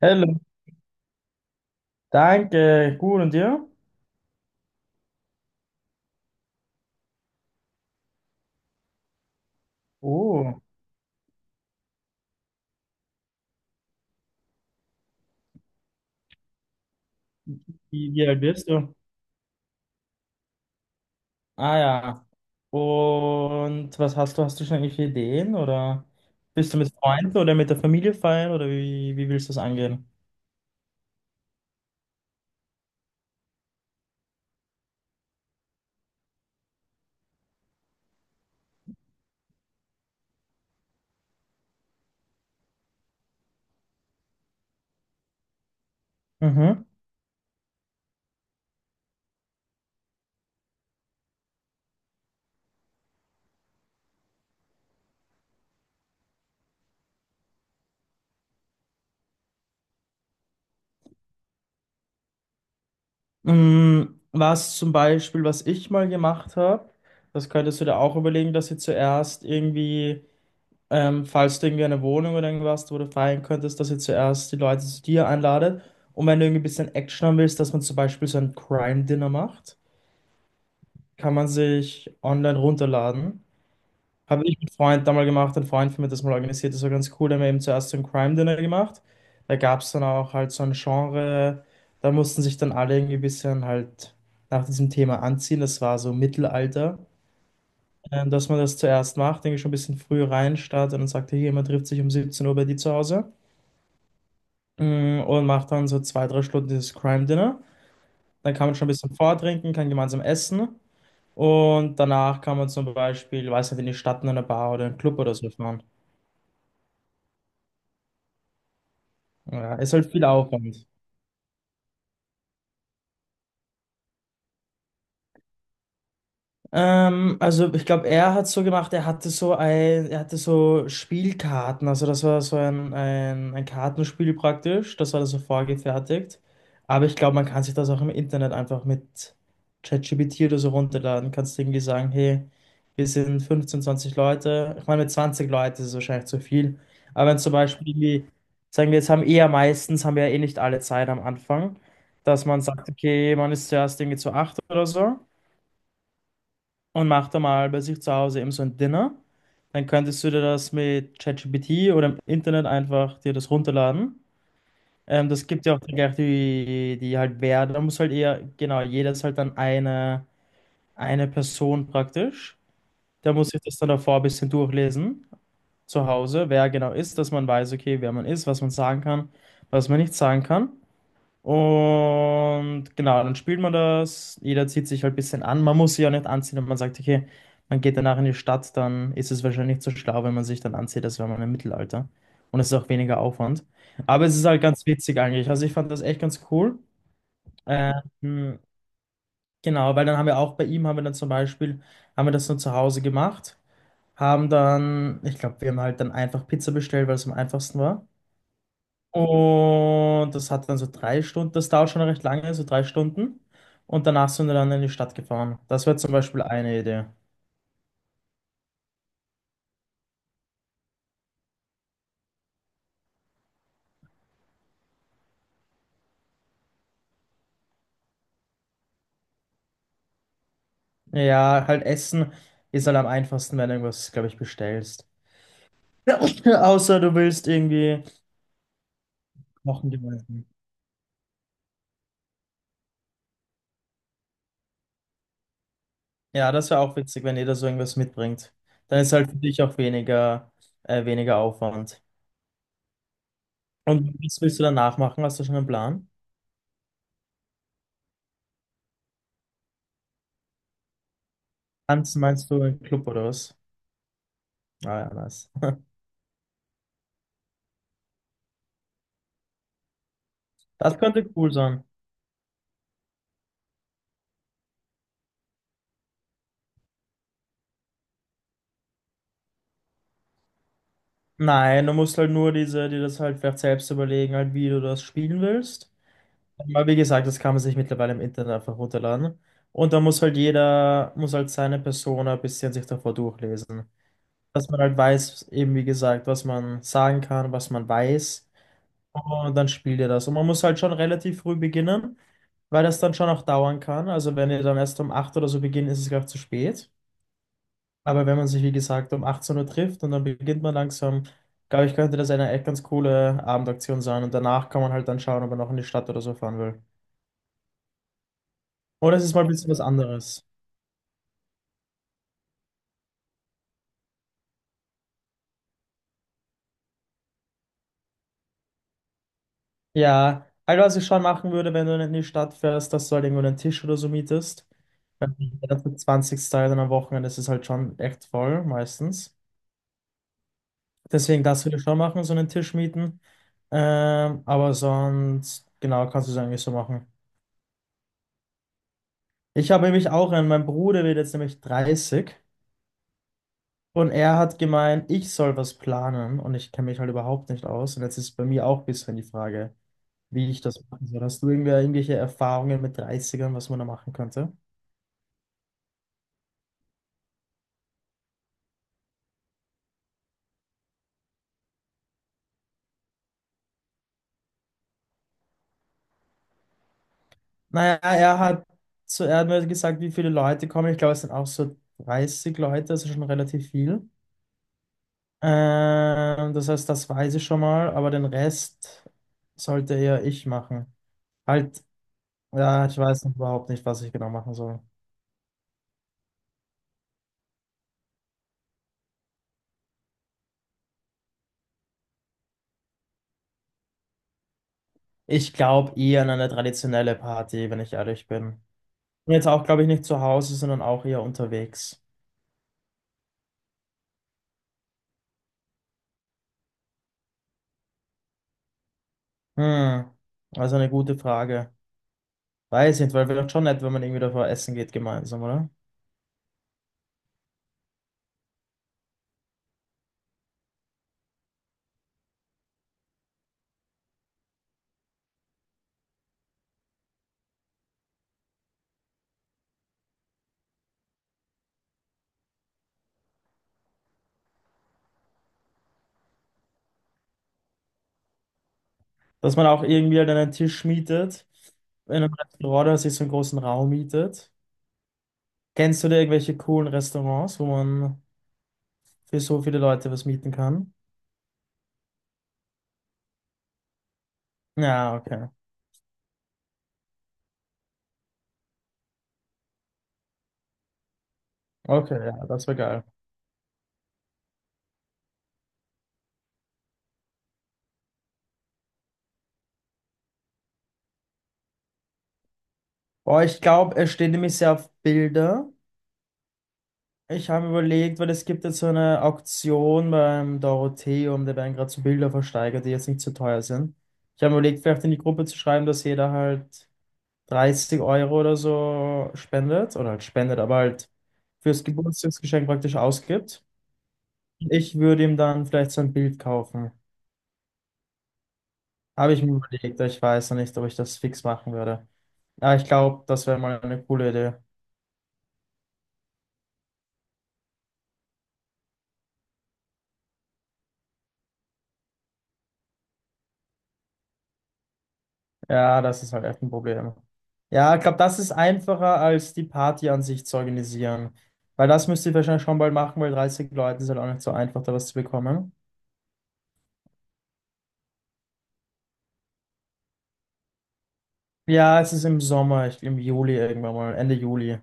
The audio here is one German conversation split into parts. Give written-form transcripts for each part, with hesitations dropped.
Hallo, danke, gut und dir? Oh, wie alt bist du? Ah ja, und was hast du? Hast du schon irgendwelche Ideen oder bist du mit Freunden oder mit der Familie feiern oder wie willst du das angehen? Mhm. Was zum Beispiel, was ich mal gemacht habe, das könntest du dir auch überlegen, dass ihr zuerst irgendwie, falls du irgendwie eine Wohnung oder irgendwas, wo du feiern könntest, dass ihr zuerst die Leute zu dir einladet. Und wenn du irgendwie ein bisschen Action haben willst, dass man zum Beispiel so ein Crime-Dinner macht. Kann man sich online runterladen. Habe ich mit Freund damals gemacht, ein Freund von mir hat das mal organisiert, das war ganz cool. Da haben wir eben zuerst so ein Crime Dinner gemacht. Da gab es dann auch halt so ein Genre, da mussten sich dann alle irgendwie ein bisschen halt nach diesem Thema anziehen. Das war so Mittelalter. Dass man das zuerst macht, denke ich schon, ein bisschen früh rein startet und dann sagt, hier, man trifft sich um 17 Uhr bei dir zu Hause, und macht dann so zwei, drei Stunden dieses Crime Dinner. Dann kann man schon ein bisschen vortrinken, kann gemeinsam essen. Und danach kann man zum Beispiel, weiß nicht, in die Stadt, in eine Bar oder einen Club oder so fahren. Ja, ist halt viel Aufwand. Also ich glaube, er hat so gemacht, er hatte so Spielkarten, also das war so ein Kartenspiel praktisch, das war dann so vorgefertigt. Aber ich glaube, man kann sich das auch im Internet einfach mit ChatGPT oder so runterladen. Kannst irgendwie sagen, hey, wir sind 15, 20 Leute. Ich meine, mit 20 Leuten ist es wahrscheinlich zu viel. Aber wenn zum Beispiel, irgendwie- sagen wir, jetzt haben eher meistens, haben wir ja eh nicht alle Zeit am Anfang, dass man sagt, okay, man ist zuerst irgendwie zu acht oder so und mach da mal bei sich zu Hause eben so ein Dinner. Dann könntest du dir das mit ChatGPT oder im Internet einfach dir das runterladen. Das gibt ja auch dann gleich die, die halt wer, da muss halt eher, genau, jeder ist halt dann eine Person praktisch. Da muss ich das dann davor ein bisschen durchlesen, zu Hause, wer genau ist, dass man weiß, okay, wer man ist, was man sagen kann, was man nicht sagen kann. Und genau, dann spielt man das. Jeder zieht sich halt ein bisschen an. Man muss sich auch nicht anziehen, wenn man sagt, okay, man geht danach in die Stadt, dann ist es wahrscheinlich nicht so schlau, wenn man sich dann anzieht, als wäre man im Mittelalter. Und es ist auch weniger Aufwand. Aber es ist halt ganz witzig eigentlich. Also ich fand das echt ganz cool. Ähm, genau, weil dann haben wir auch bei ihm, haben wir dann zum Beispiel, haben wir das nur zu Hause gemacht. Haben dann, ich glaube, wir haben halt dann einfach Pizza bestellt, weil es am einfachsten war. Und das hat dann so drei Stunden, das dauert schon recht lange, so drei Stunden. Und danach sind wir dann in die Stadt gefahren. Das wäre zum Beispiel eine Idee. Ja, halt Essen ist halt am einfachsten, wenn du irgendwas, glaube ich, bestellst. Außer du willst irgendwie kochen gemeinsam. Ja, das wäre auch witzig, wenn jeder so irgendwas mitbringt. Dann ist halt für dich auch weniger, weniger Aufwand. Und was willst du danach machen? Hast du schon einen Plan? Tanzen meinst du im Club oder was? Ah ja, nice. Das könnte cool sein. Nein, du musst halt nur diese, dir das halt vielleicht selbst überlegen, halt, wie du das spielen willst. Aber wie gesagt, das kann man sich mittlerweile im Internet einfach runterladen. Und da muss halt jeder, muss halt seine Persona ein bisschen sich davor durchlesen. Dass man halt weiß, eben wie gesagt, was man sagen kann, was man weiß. Und dann spielt ihr das. Und man muss halt schon relativ früh beginnen, weil das dann schon auch dauern kann. Also wenn ihr dann erst um 8 oder so beginnt, ist es gleich zu spät. Aber wenn man sich, wie gesagt, um 18 Uhr trifft und dann beginnt man langsam, glaube ich, könnte das eine echt ganz coole Abendaktion sein. Und danach kann man halt dann schauen, ob man noch in die Stadt oder so fahren will. Oder es ist mal ein bisschen was anderes. Ja, also was ich schon machen würde, wenn du in die Stadt fährst, dass du halt irgendwo einen Tisch oder so mietest. Der ganze 20. Teil dann am Wochenende ist es halt schon echt voll, meistens. Deswegen das würde ich schon machen, so einen Tisch mieten. Aber sonst, genau, kannst du es eigentlich so machen. Ich habe nämlich auch einen, mein Bruder wird jetzt nämlich dreißig. Und er hat gemeint, ich soll was planen und ich kenne mich halt überhaupt nicht aus. Und jetzt ist bei mir auch ein bisschen die Frage, wie ich das machen soll. Hast du irgendwie irgendwelche Erfahrungen mit Dreißigern, was man da machen könnte? Naja, er hat mir gesagt, wie viele Leute kommen. Ich glaube, es sind auch so 30 Leute, also schon relativ viel. Das heißt, das weiß ich schon mal, aber den Rest sollte eher ich machen. Halt, ja, ich weiß noch überhaupt nicht, was ich genau machen soll. Ich glaube eher an eine traditionelle Party, wenn ich ehrlich bin. Und jetzt auch, glaube ich, nicht zu Hause, sondern auch eher unterwegs. Hm, also eine gute Frage. Weiß nicht, weil wäre doch schon nett, wenn man irgendwie davor essen geht gemeinsam, oder? Dass man auch irgendwie halt einen Tisch mietet, in einem Restaurant oder sich so einen großen Raum mietet. Kennst du da irgendwelche coolen Restaurants, wo man für so viele Leute was mieten kann? Ja, okay. Okay, ja, das wäre geil. Boah, ich glaube, es stehen nämlich sehr auf Bilder. Ich habe überlegt, weil es gibt jetzt so eine Auktion beim Dorotheum, da werden gerade so Bilder versteigert, die jetzt nicht so teuer sind. Ich habe überlegt, vielleicht in die Gruppe zu schreiben, dass jeder halt 30 Euro oder so spendet, oder halt spendet, aber halt fürs Geburtstagsgeschenk praktisch ausgibt. Ich würde ihm dann vielleicht so ein Bild kaufen. Habe ich mir überlegt, aber ich weiß noch nicht, ob ich das fix machen würde. Aber ich glaube, das wäre mal eine coole Idee. Ja, das ist halt echt ein Problem. Ja, ich glaube, das ist einfacher als die Party an sich zu organisieren. Weil das müsst ihr wahrscheinlich schon bald machen, weil 30 Leute ist halt auch nicht so einfach, da was zu bekommen. Ja, es ist im Sommer, ich, im Juli irgendwann mal, Ende Juli.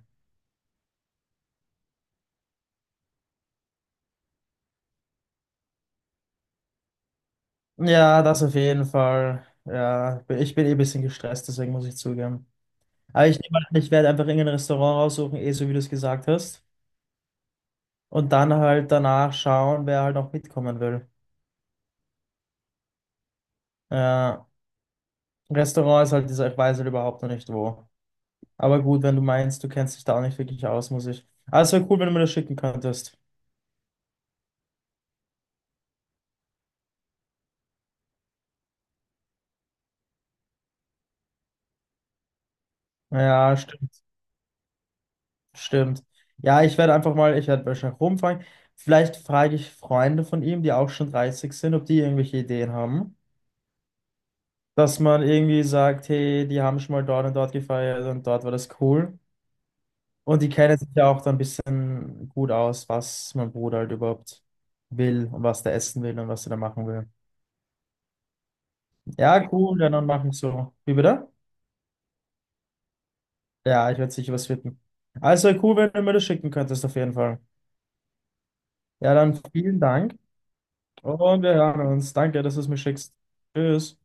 Ja, das auf jeden Fall. Ja, ich bin eh ein bisschen gestresst, deswegen muss ich zugeben. Aber ich nehme an, ich werde einfach irgendein Restaurant raussuchen, eh so wie du es gesagt hast. Und dann halt danach schauen, wer halt noch mitkommen will. Ja, Restaurant ist halt dieser, ich weiß halt überhaupt noch nicht wo. Aber gut, wenn du meinst, du kennst dich da auch nicht wirklich aus, muss ich. Aber es wäre cool, wenn du mir das schicken könntest. Ja, stimmt, stimmt. Ja, ich werde einfach mal, ich werde wahrscheinlich rumfragen. Vielleicht frage ich Freunde von ihm, die auch schon 30 sind, ob die irgendwelche Ideen haben. Dass man irgendwie sagt, hey, die haben schon mal dort und dort gefeiert und dort war das cool. Und die kennen sich ja auch dann ein bisschen gut aus, was mein Bruder halt überhaupt will und was der essen will und was er da machen will. Ja, cool, ja, dann machen wir so. Wie bitte? Ja, ich werde sicher was finden. Also cool, wenn du mir das schicken könntest, auf jeden Fall. Ja, dann vielen Dank und wir hören uns. Danke, dass du es mir schickst. Tschüss.